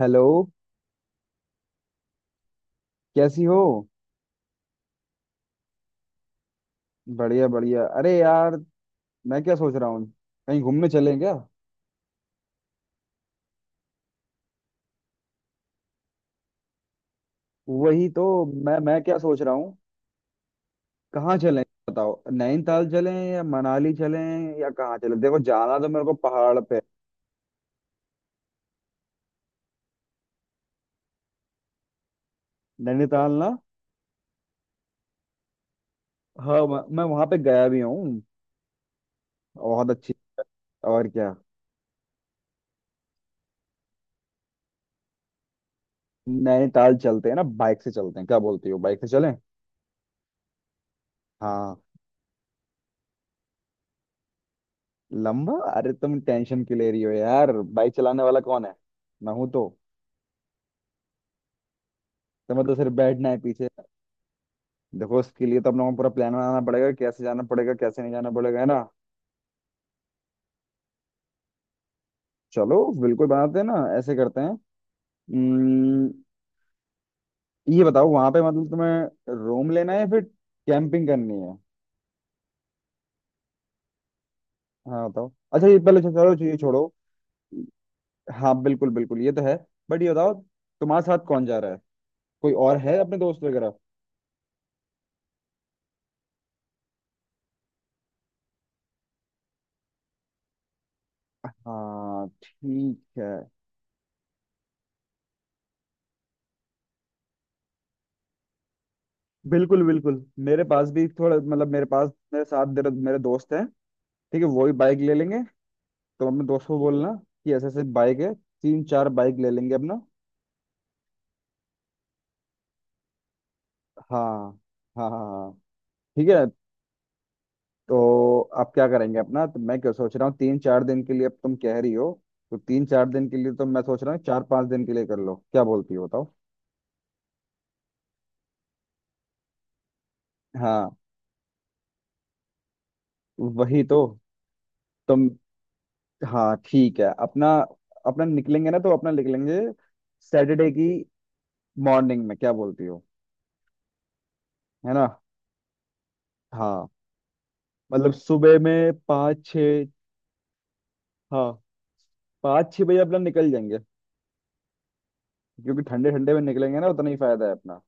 Hello. कैसी हो? बढ़िया बढ़िया, अरे यार, मैं क्या सोच रहा हूँ, कहीं घूमने चलें क्या? वही तो मैं क्या सोच रहा हूँ। कहाँ चलें? बताओ, नैनीताल चलें या मनाली चलें, या कहाँ चलें? देखो, जाना तो मेरे को पहाड़ पे है। नैनीताल ना। हाँ, मैं वहां पे गया भी हूँ। बहुत अच्छी। और क्या। नैनीताल चलते हैं ना, बाइक से चलते हैं, क्या बोलती हो, बाइक से चलें? हाँ। लंबा? अरे तुम टेंशन क्यों ले रही हो यार, बाइक चलाने वाला कौन है, मैं हूं तो। तुम्हें तो सिर्फ बैठना है पीछे। देखो, इसके लिए तो हम लोगों को पूरा प्लान बनाना पड़ेगा, कैसे जाना पड़ेगा कैसे नहीं जाना पड़ेगा, है ना। चलो बिल्कुल, बनाते हैं ना, ऐसे करते हैं। उम्म, ये बताओ वहां पे, मतलब तुम्हें रूम लेना है या फिर कैंपिंग करनी है? हाँ बताओ, अच्छा ये पहले, चलो ये छोड़ो। हाँ बिल्कुल बिल्कुल, ये तो है। बट ये बताओ, तुम्हारे साथ कौन जा रहा है, कोई और है, अपने दोस्त वगैरह? हाँ ठीक है। बिल्कुल बिल्कुल, मेरे पास भी थोड़ा, मतलब मेरे पास, मेरे साथ मेरे दोस्त हैं। ठीक है, वही बाइक ले लेंगे। तो अपने दोस्त को बोलना कि ऐसे ऐसे बाइक है, 3 4 बाइक ले लेंगे अपना। हाँ हाँ हाँ हाँ, ठीक है, तो आप क्या करेंगे अपना। तो मैं क्या सोच रहा हूँ 3 4 दिन के लिए, अब तुम कह रही हो तो 3 4 दिन के लिए, तो मैं सोच रहा हूँ 4 5 दिन के लिए कर लो, क्या बोलती हो बताओ। हाँ वही तो, तुम। हाँ ठीक है, अपना, अपना निकलेंगे ना तो अपना निकलेंगे सैटरडे की मॉर्निंग में, क्या बोलती हो, है ना। हाँ, मतलब सुबह में पाँच छः। हाँ, 5 6 बजे अपना निकल जाएंगे, क्योंकि ठंडे ठंडे में निकलेंगे ना उतना ही फायदा है अपना।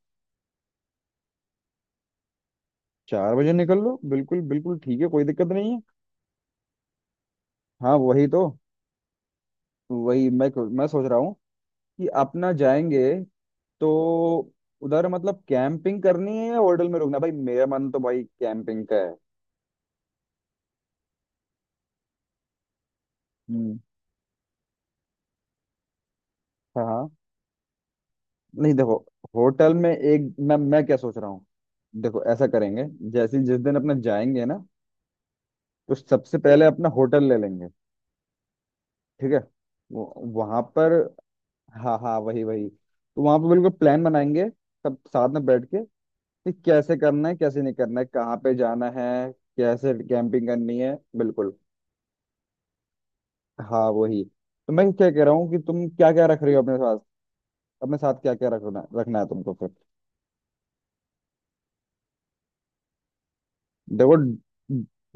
4 बजे निकल लो, बिल्कुल बिल्कुल ठीक है, कोई दिक्कत नहीं है। हाँ वही तो। वही मैं सोच रहा हूँ कि अपना जाएंगे तो उधर, मतलब कैंपिंग करनी है या होटल में रुकना? भाई मेरा मन तो भाई कैंपिंग का है। हम्म। हाँ हाँ। नहीं देखो, होटल में एक, मैं क्या सोच रहा हूँ, देखो ऐसा करेंगे, जैसे जिस दिन अपना जाएंगे ना, तो सबसे पहले अपना होटल ले लेंगे, ठीक है, वहां पर। हाँ हाँ, वही वही, तो वहां पे बिल्कुल प्लान बनाएंगे, सब साथ में बैठ के कि कैसे करना है कैसे नहीं करना है, कहाँ पे जाना है, कैसे कैंपिंग करनी है, बिल्कुल। हाँ वही तो मैं क्या कह रहा हूँ कि तुम क्या क्या रख रही हो अपने साथ, अपने साथ क्या क्या रखना रखना है तुमको फिर? देखो,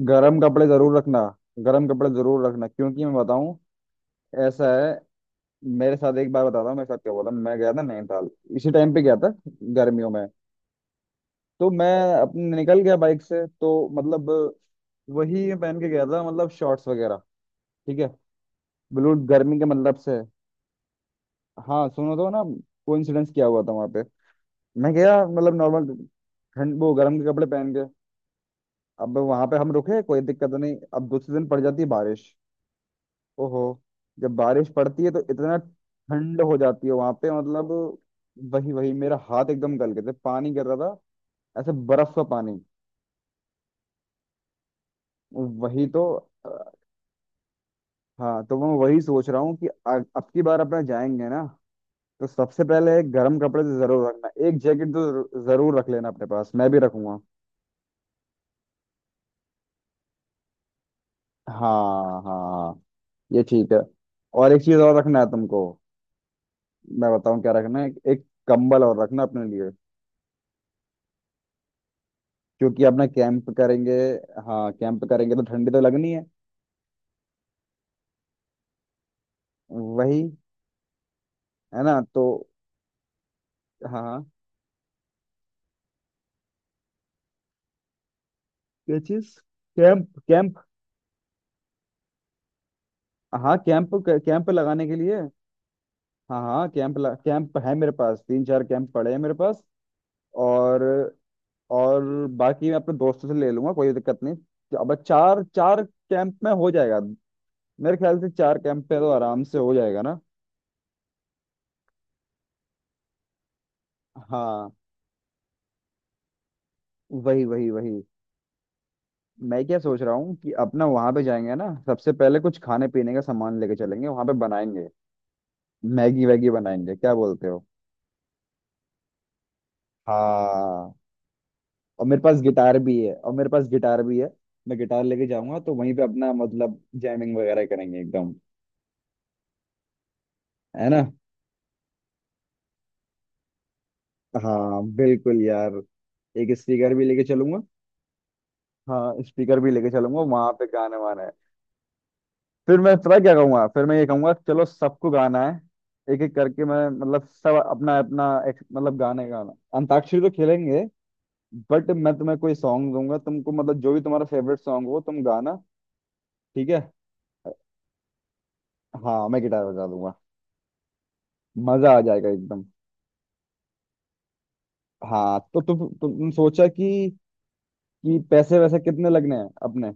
गर्म कपड़े जरूर रखना, गर्म कपड़े जरूर रखना, क्योंकि मैं बताऊँ, ऐसा है, मेरे साथ एक बार, बताता हूँ मेरे साथ क्या बोला, मैं गया था नैनीताल, इसी टाइम पे गया था, गर्मियों में, तो मैं अपने निकल गया बाइक से, तो मतलब, वही मैं पहन के गया था, मतलब शॉर्ट्स वगैरह, ठीक है, बिल्कुल गर्मी के मतलब से। हाँ सुनो तो ना, कोइंसिडेंस क्या हुआ था वहां पे, मैं गया मतलब नॉर्मल ठंड, वो गर्म के कपड़े पहन के, अब वहां पे हम रुके, कोई दिक्कत नहीं, अब दूसरे दिन पड़ जाती है बारिश। ओहो, जब बारिश पड़ती है तो इतना ठंड हो जाती है वहां पे, मतलब वही वही, मेरा हाथ एकदम गल गए थे, पानी गिर रहा था, ऐसे बर्फ का पानी। वही तो। हाँ, तो मैं वही सोच रहा हूँ कि अब की बार अपना जाएंगे ना, तो सबसे पहले गर्म कपड़े तो जरूर रखना, एक जैकेट तो जरूर रख लेना अपने पास, मैं भी रखूंगा। हाँ हाँ, ये ठीक है। और एक चीज और रखना है तुमको, मैं बताऊं क्या रखना है, एक कंबल और रखना अपने लिए, क्योंकि अपना कैंप करेंगे। हाँ कैंप करेंगे तो ठंडी तो लगनी है। वही, है ना तो। हाँ हाँ। क्या चीज? Camp camp. हाँ कैंप, कैंप लगाने के लिए। हाँ हाँ कैंप, कैंप है मेरे पास, 3 4 कैंप पड़े हैं मेरे पास। और और बाकी मैं अपने दोस्तों से ले लूंगा, कोई दिक्कत नहीं, तो अब चार चार कैंप में हो जाएगा। मेरे ख्याल से 4 कैंप पे तो आराम से हो जाएगा ना। हाँ वही वही वही, मैं क्या सोच रहा हूँ कि अपना वहां पे जाएंगे ना, सबसे पहले कुछ खाने पीने का सामान लेके चलेंगे, वहां पे बनाएंगे, मैगी वैगी बनाएंगे, क्या बोलते हो। हाँ, और मेरे पास गिटार भी है, और मेरे पास गिटार भी है, मैं गिटार लेके जाऊंगा तो वहीं पे अपना मतलब जैमिंग वगैरह करेंगे एकदम, है ना। हाँ बिल्कुल यार, एक स्पीकर भी लेके चलूंगा। हाँ स्पीकर भी लेके चलूंगा, वहां पे गाने वाने हैं। फिर मैं पता क्या कहूंगा, फिर मैं ये कहूंगा, चलो सबको गाना है, एक एक करके, मैं मतलब सब अपना अपना एक, मतलब गाने गाना। अंताक्षरी तो खेलेंगे, बट मैं तुम्हें कोई सॉन्ग दूंगा तुमको, मतलब जो भी तुम्हारा फेवरेट सॉन्ग हो तुम गाना। ठीक है। हाँ मैं गिटार बजा दूंगा। मजा आ जाएगा एकदम। हाँ तो तुम सोचा कि पैसे वैसे कितने लगने हैं अपने?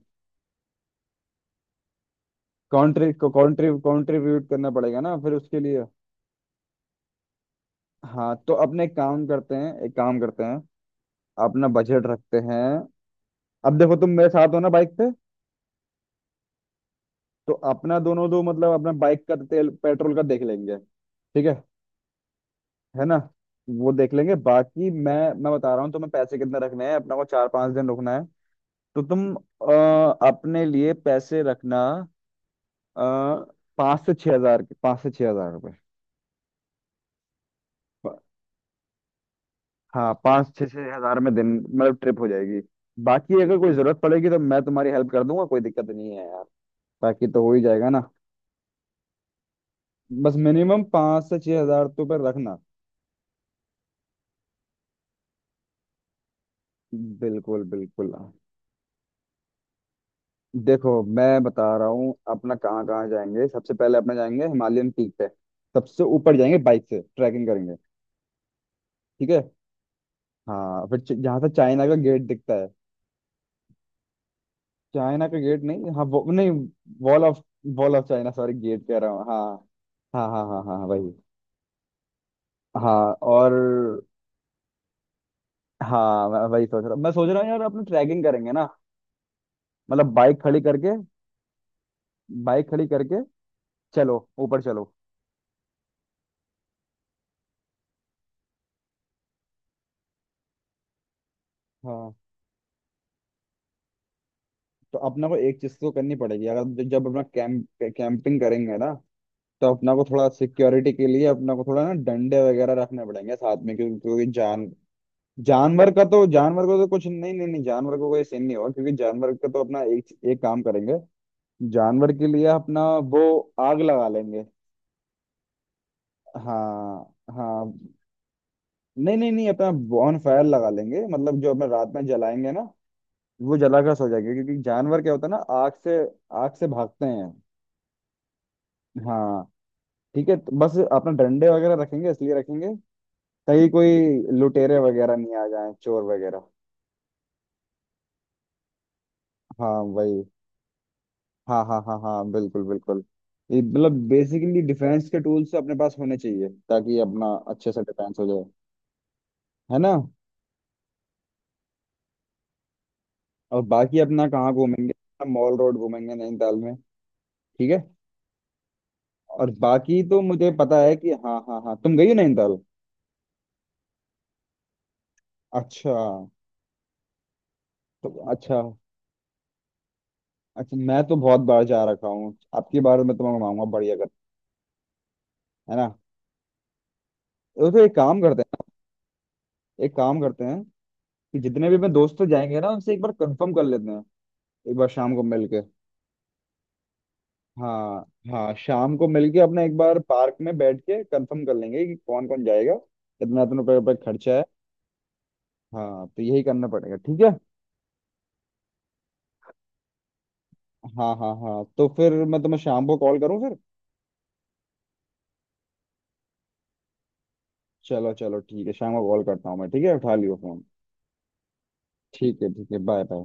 कंट्री को कंट्री कंट्रीब्यूट करना पड़ेगा ना फिर उसके लिए। हाँ तो अपने एक काम करते हैं, एक काम करते हैं, अपना बजट रखते हैं। अब देखो, तुम मेरे साथ हो ना बाइक पे, तो अपना दोनों दो, मतलब अपना बाइक का तेल पेट्रोल का देख लेंगे, ठीक है ना, वो देख लेंगे। बाकी मैं बता रहा हूँ तुम्हें, पैसे कितने रखने हैं, अपना को 4 5 दिन रुकना है तो तुम अपने लिए पैसे रखना, अ, 5 से 6 हजार के, 5 से 6 हजार रुपये। प- हाँ, पाँच छः 6 हजार में दिन मतलब ट्रिप हो जाएगी। बाकी अगर कोई जरूरत पड़ेगी तो मैं तुम्हारी हेल्प कर दूंगा, कोई दिक्कत नहीं है यार। बाकी तो हो ही जाएगा ना, बस मिनिमम 5 से 6 हजार तो पर रखना। बिल्कुल बिल्कुल। देखो मैं बता रहा हूँ अपना कहाँ कहाँ जाएंगे, सबसे पहले अपना जाएंगे हिमालयन पीक पे, सबसे ऊपर जाएंगे, बाइक से ट्रैकिंग करेंगे, ठीक है। हाँ फिर जहाँ से चाइना का गेट दिखता है, चाइना का गेट नहीं, हाँ वो, नहीं, wall of, wall of China, sorry, gate कह रहा हूँ। हाँ हाँ हाँ हाँ हाँ वही। हाँ, और हाँ, मैं वही सोच रहा हूँ, मैं सोच रहा हूँ यार अपने ट्रैकिंग करेंगे ना, मतलब बाइक खड़ी करके, बाइक खड़ी करके, चलो ऊपर चलो। हाँ, तो अपना को एक चीज तो करनी पड़ेगी, अगर जब अपना कैंप, कैंपिंग करेंगे ना, तो अपना को थोड़ा सिक्योरिटी के लिए, अपना को थोड़ा ना डंडे वगैरह रखने पड़ेंगे साथ में, क्योंकि क्योंकि जानवर का तो, जानवर को तो कुछ नहीं, नहीं नहीं जानवर को कोई सीन नहीं होगा, क्योंकि जानवर का तो अपना एक एक काम करेंगे, जानवर के लिए अपना, वो आग लगा लेंगे। हाँ हाँ, नहीं नहीं नहीं, अपना बॉन फायर लगा लेंगे, मतलब जो अपना रात में जलाएंगे ना, वो जला कर सो जाएंगे, क्योंकि जानवर क्या होता है ना, आग से, आग से भागते हैं। हाँ ठीक है, तो बस अपना डंडे वगैरह रखेंगे, इसलिए रखेंगे कहीं कोई लुटेरे वगैरह नहीं आ जाए, चोर वगैरह। हाँ वही। हाँ हाँ हाँ हाँ बिल्कुल बिल्कुल, ये मतलब बेसिकली डिफेंस के टूल्स अपने पास होने चाहिए, ताकि अपना अच्छे से डिफेंस हो जाए, है ना। और बाकी अपना कहाँ घूमेंगे, मॉल रोड घूमेंगे नैनीताल में, ठीक है। और बाकी तो मुझे पता है कि, हाँ हाँ हाँ, तुम गई हो नैनीताल, अच्छा। तो अच्छा, अच्छा, मैं तो बहुत बार जा रखा हूँ, आपकी बार मैं तुम्हें घुमाऊंगा, बढ़िया कर, है ना। तो फिर एक काम करते हैं, एक काम करते हैं कि जितने भी अपने दोस्त जाएंगे ना, उनसे एक बार कंफर्म कर लेते हैं, एक बार शाम को मिलके। हाँ हाँ, शाम को मिलके अपने एक बार पार्क में बैठ के कंफर्म कर लेंगे कि कौन कौन जाएगा, कितना इतना रुपये रुपये खर्चा है। हाँ तो यही करना पड़ेगा, ठीक है। हाँ हाँ हाँ, तो फिर मैं तुम्हें शाम को कॉल करूँ फिर? चलो चलो ठीक है, शाम को कॉल करता हूँ मैं, ठीक है, उठा लियो फोन। ठीक है ठीक है, बाय बाय।